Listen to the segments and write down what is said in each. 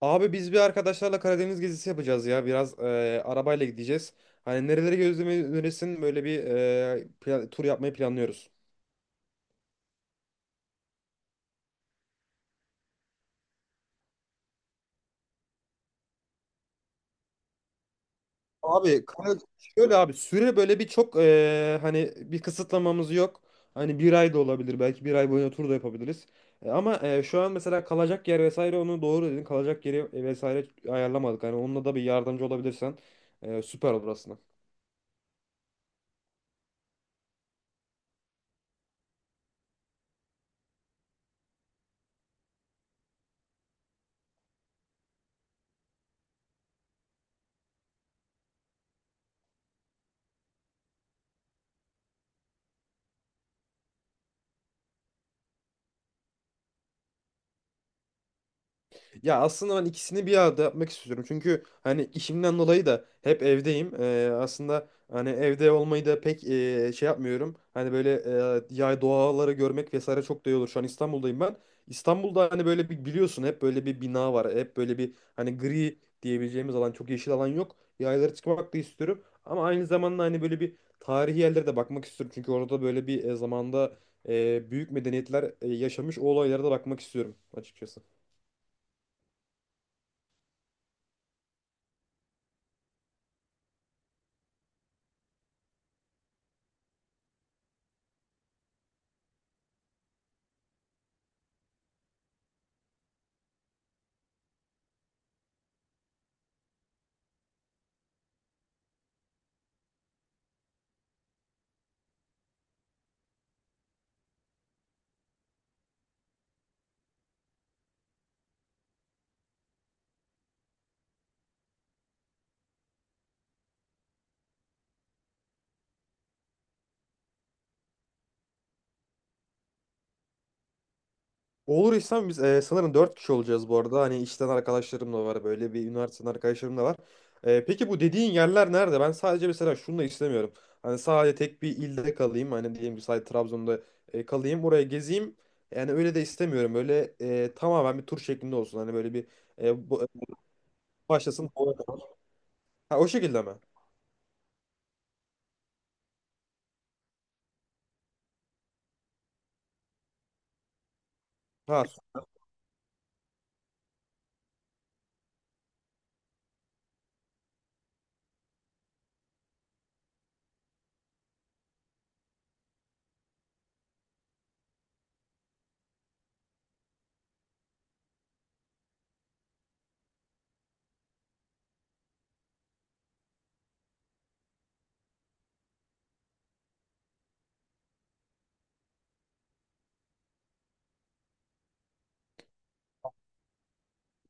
Abi biz bir arkadaşlarla Karadeniz gezisi yapacağız ya. Biraz arabayla gideceğiz. Hani nereleri gözlemeyi önerirsin, böyle bir tur yapmayı planlıyoruz. Abi Kara- Şöyle abi, süre böyle bir çok hani bir kısıtlamamız yok. Hani bir ay da olabilir, belki bir ay boyunca tur da yapabiliriz. Ama şu an mesela kalacak yer vesaire, onu doğru dedin. Kalacak yeri vesaire ayarlamadık. Hani onunla da bir yardımcı olabilirsen süper olur aslında. Ya aslında ben ikisini bir arada yapmak istiyorum. Çünkü hani işimden dolayı da hep evdeyim. Aslında hani evde olmayı da pek şey yapmıyorum. Hani böyle yay doğaları görmek vesaire çok da iyi olur. Şu an İstanbul'dayım ben. İstanbul'da hani böyle bir biliyorsun, hep böyle bir bina var. Hep böyle bir hani gri diyebileceğimiz alan, çok yeşil alan yok. Yaylara çıkmak da istiyorum. Ama aynı zamanda hani böyle bir tarihi yerlere de bakmak istiyorum. Çünkü orada böyle bir zamanda büyük medeniyetler yaşamış, o olaylara da bakmak istiyorum açıkçası. Olur İslam, biz sanırım 4 kişi olacağız bu arada. Hani işten arkadaşlarım da var, böyle bir üniversiteden arkadaşlarım da var. Peki bu dediğin yerler nerede? Ben sadece mesela şunu da istemiyorum. Hani sadece tek bir ilde kalayım. Hani diyelim ki sadece Trabzon'da kalayım. Oraya gezeyim. Yani öyle de istemiyorum. Böyle tamamen bir tur şeklinde olsun. Hani böyle bir e, bu- başlasın. Ha, o şekilde mi? Ha.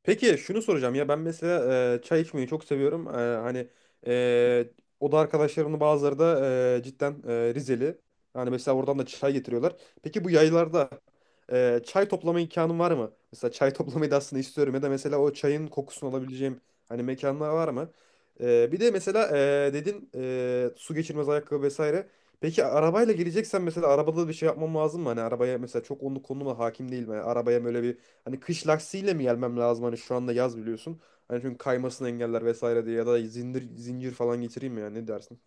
Peki şunu soracağım ya, ben mesela çay içmeyi çok seviyorum. Hani e, oda arkadaşlarımın bazıları da cidden Rizeli. Yani mesela oradan da çay getiriyorlar. Peki bu yaylarda çay toplama imkanım var mı? Mesela çay toplamayı da aslında istiyorum, ya da mesela o çayın kokusunu alabileceğim hani mekanlar var mı? Bir de mesela dedin su geçirmez ayakkabı vesaire. Peki arabayla geleceksen mesela arabada da bir şey yapmam lazım mı? Hani arabaya mesela, çok onun konuma hakim değilim. Yani arabaya böyle bir hani kış lastiğiyle mi gelmem lazım? Hani şu anda yaz, biliyorsun. Hani çünkü kaymasını engeller vesaire diye, ya da zincir zincir falan getireyim mi ya, ne dersin?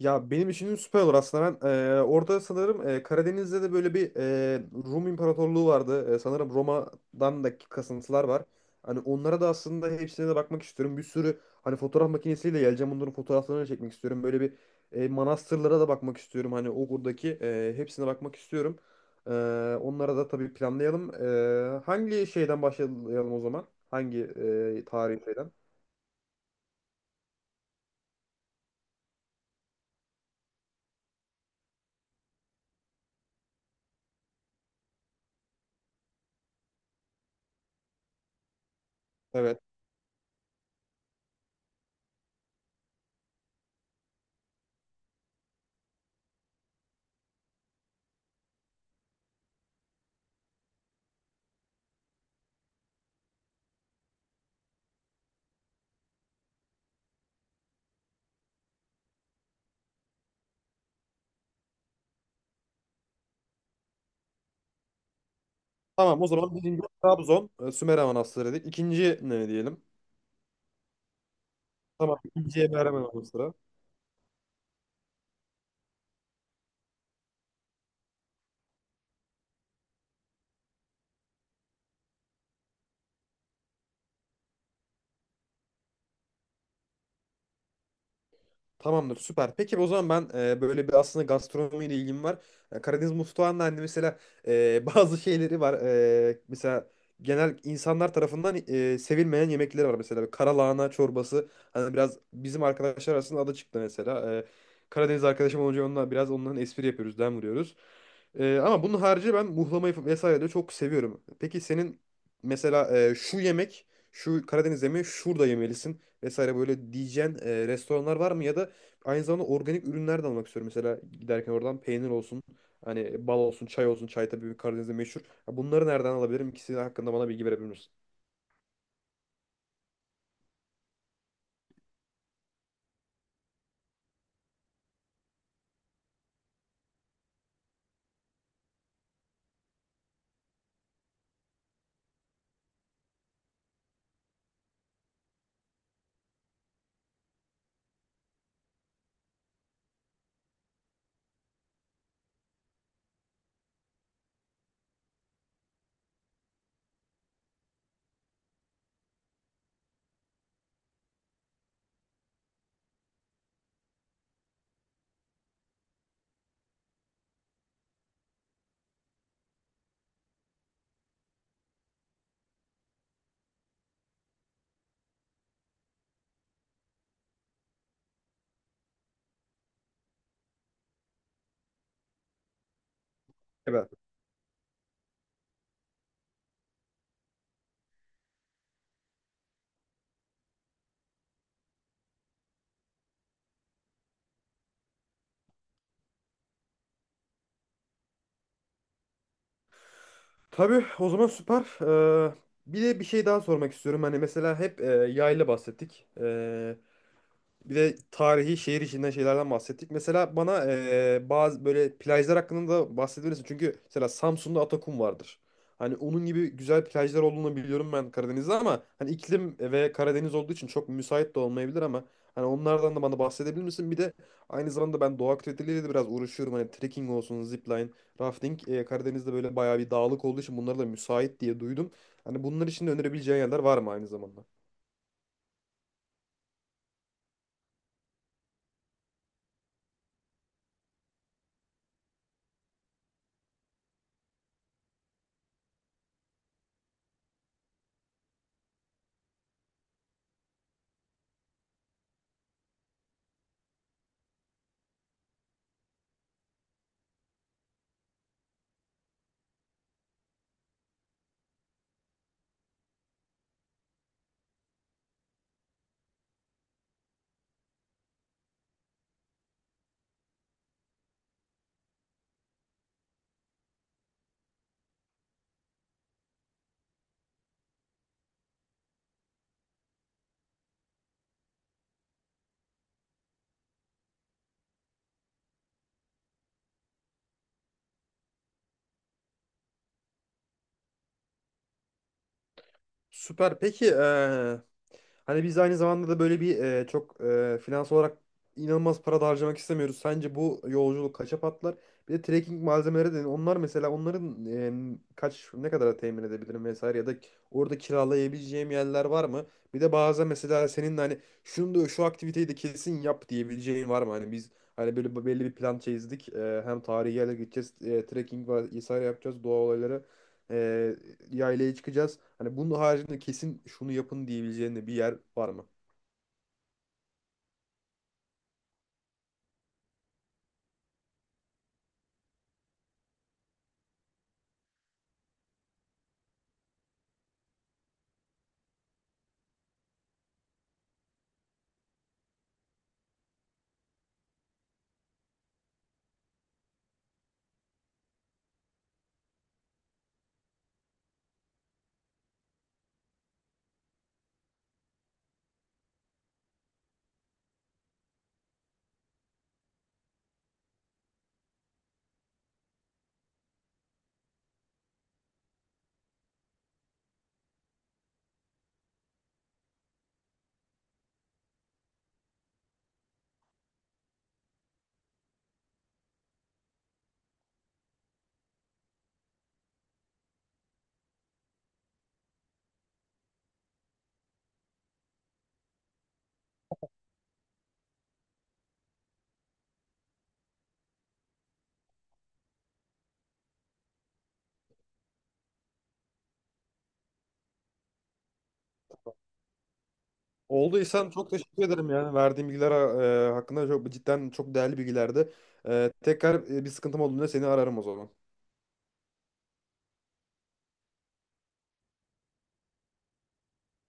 Ya benim için süper olur aslında. Ben orada sanırım Karadeniz'de de böyle bir Rum İmparatorluğu vardı. Sanırım Roma'dan da kasıntılar var. Hani onlara da aslında hepsine de bakmak istiyorum. Bir sürü hani fotoğraf makinesiyle geleceğim. Bunların fotoğraflarını çekmek istiyorum. Böyle bir manastırlara da bakmak istiyorum. Hani o buradaki hepsine bakmak istiyorum. E, Onlara da tabii planlayalım. Hangi şeyden başlayalım o zaman? Hangi tarihi şeyden? Tamam, o zaman birinci Trabzon, Sümer Amanastırı dedik. İkinci ne diyelim? Tamam, ikinciye Meryem Manastırı. Tamamdır, süper. Peki o zaman ben böyle bir aslında gastronomiyle ilgim var. Karadeniz mutfağında hani mesela bazı şeyleri var. Mesela genel insanlar tarafından sevilmeyen yemekleri var. Mesela karalahana çorbası. Hani biraz bizim arkadaşlar arasında adı çıktı mesela. Karadeniz arkadaşım olunca onunla biraz onların espri yapıyoruz, dem vuruyoruz. Ama bunun harici ben muhlamayı vesaire de çok seviyorum. Peki senin mesela şu yemek, şu Karadeniz yemeği şurada yemelisin vesaire böyle diyeceğin restoranlar var mı, ya da aynı zamanda organik ürünler de almak istiyorum. Mesela giderken oradan peynir olsun, hani bal olsun, çay olsun. Çay tabii Karadeniz'de meşhur. Ya bunları nereden alabilirim? İkisi hakkında bana bilgi verebilir misin? Evet. Tabii o zaman süper. Ee, bir de bir şey daha sormak istiyorum. Hani mesela hep yayla bahsettik. Bir de tarihi şehir içinden şeylerden bahsettik. Mesela bana bazı böyle plajlar hakkında da bahsedebilirsin. Çünkü mesela Samsun'da Atakum vardır. Hani onun gibi güzel plajlar olduğunu biliyorum ben Karadeniz'de, ama hani iklim ve Karadeniz olduğu için çok müsait de olmayabilir, ama hani onlardan da bana bahsedebilir misin? Bir de aynı zamanda ben doğa aktiviteleriyle de biraz uğraşıyorum. Hani trekking olsun, zipline, rafting. Karadeniz'de böyle bayağı bir dağlık olduğu için bunlara da müsait diye duydum. Hani bunlar için de önerebileceğin yerler var mı aynı zamanda? Süper. Peki hani biz aynı zamanda da böyle bir çok finans olarak inanılmaz para da harcamak istemiyoruz. Sence bu yolculuk kaça patlar? Bir de trekking malzemeleri de, onlar mesela onların kaç, ne kadar temin edebilirim vesaire, ya da orada kiralayabileceğim yerler var mı? Bir de bazen mesela senin de hani şunu da, şu aktiviteyi de kesin yap diyebileceğin var mı? Hani biz hani böyle belli bir plan çizdik. Hem tarihi yerlere gideceğiz, trekking vesaire yapacağız, doğa olayları. Ee, Yaylaya çıkacağız. Hani bunun haricinde kesin şunu yapın diyebileceğin de bir yer var mı? Olduysan çok teşekkür ederim yani. Verdiğim bilgiler hakkında çok cidden çok değerli bilgilerdi. Tekrar bir sıkıntım olduğunda seni ararım o zaman.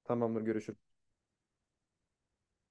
Tamamdır, görüşürüz.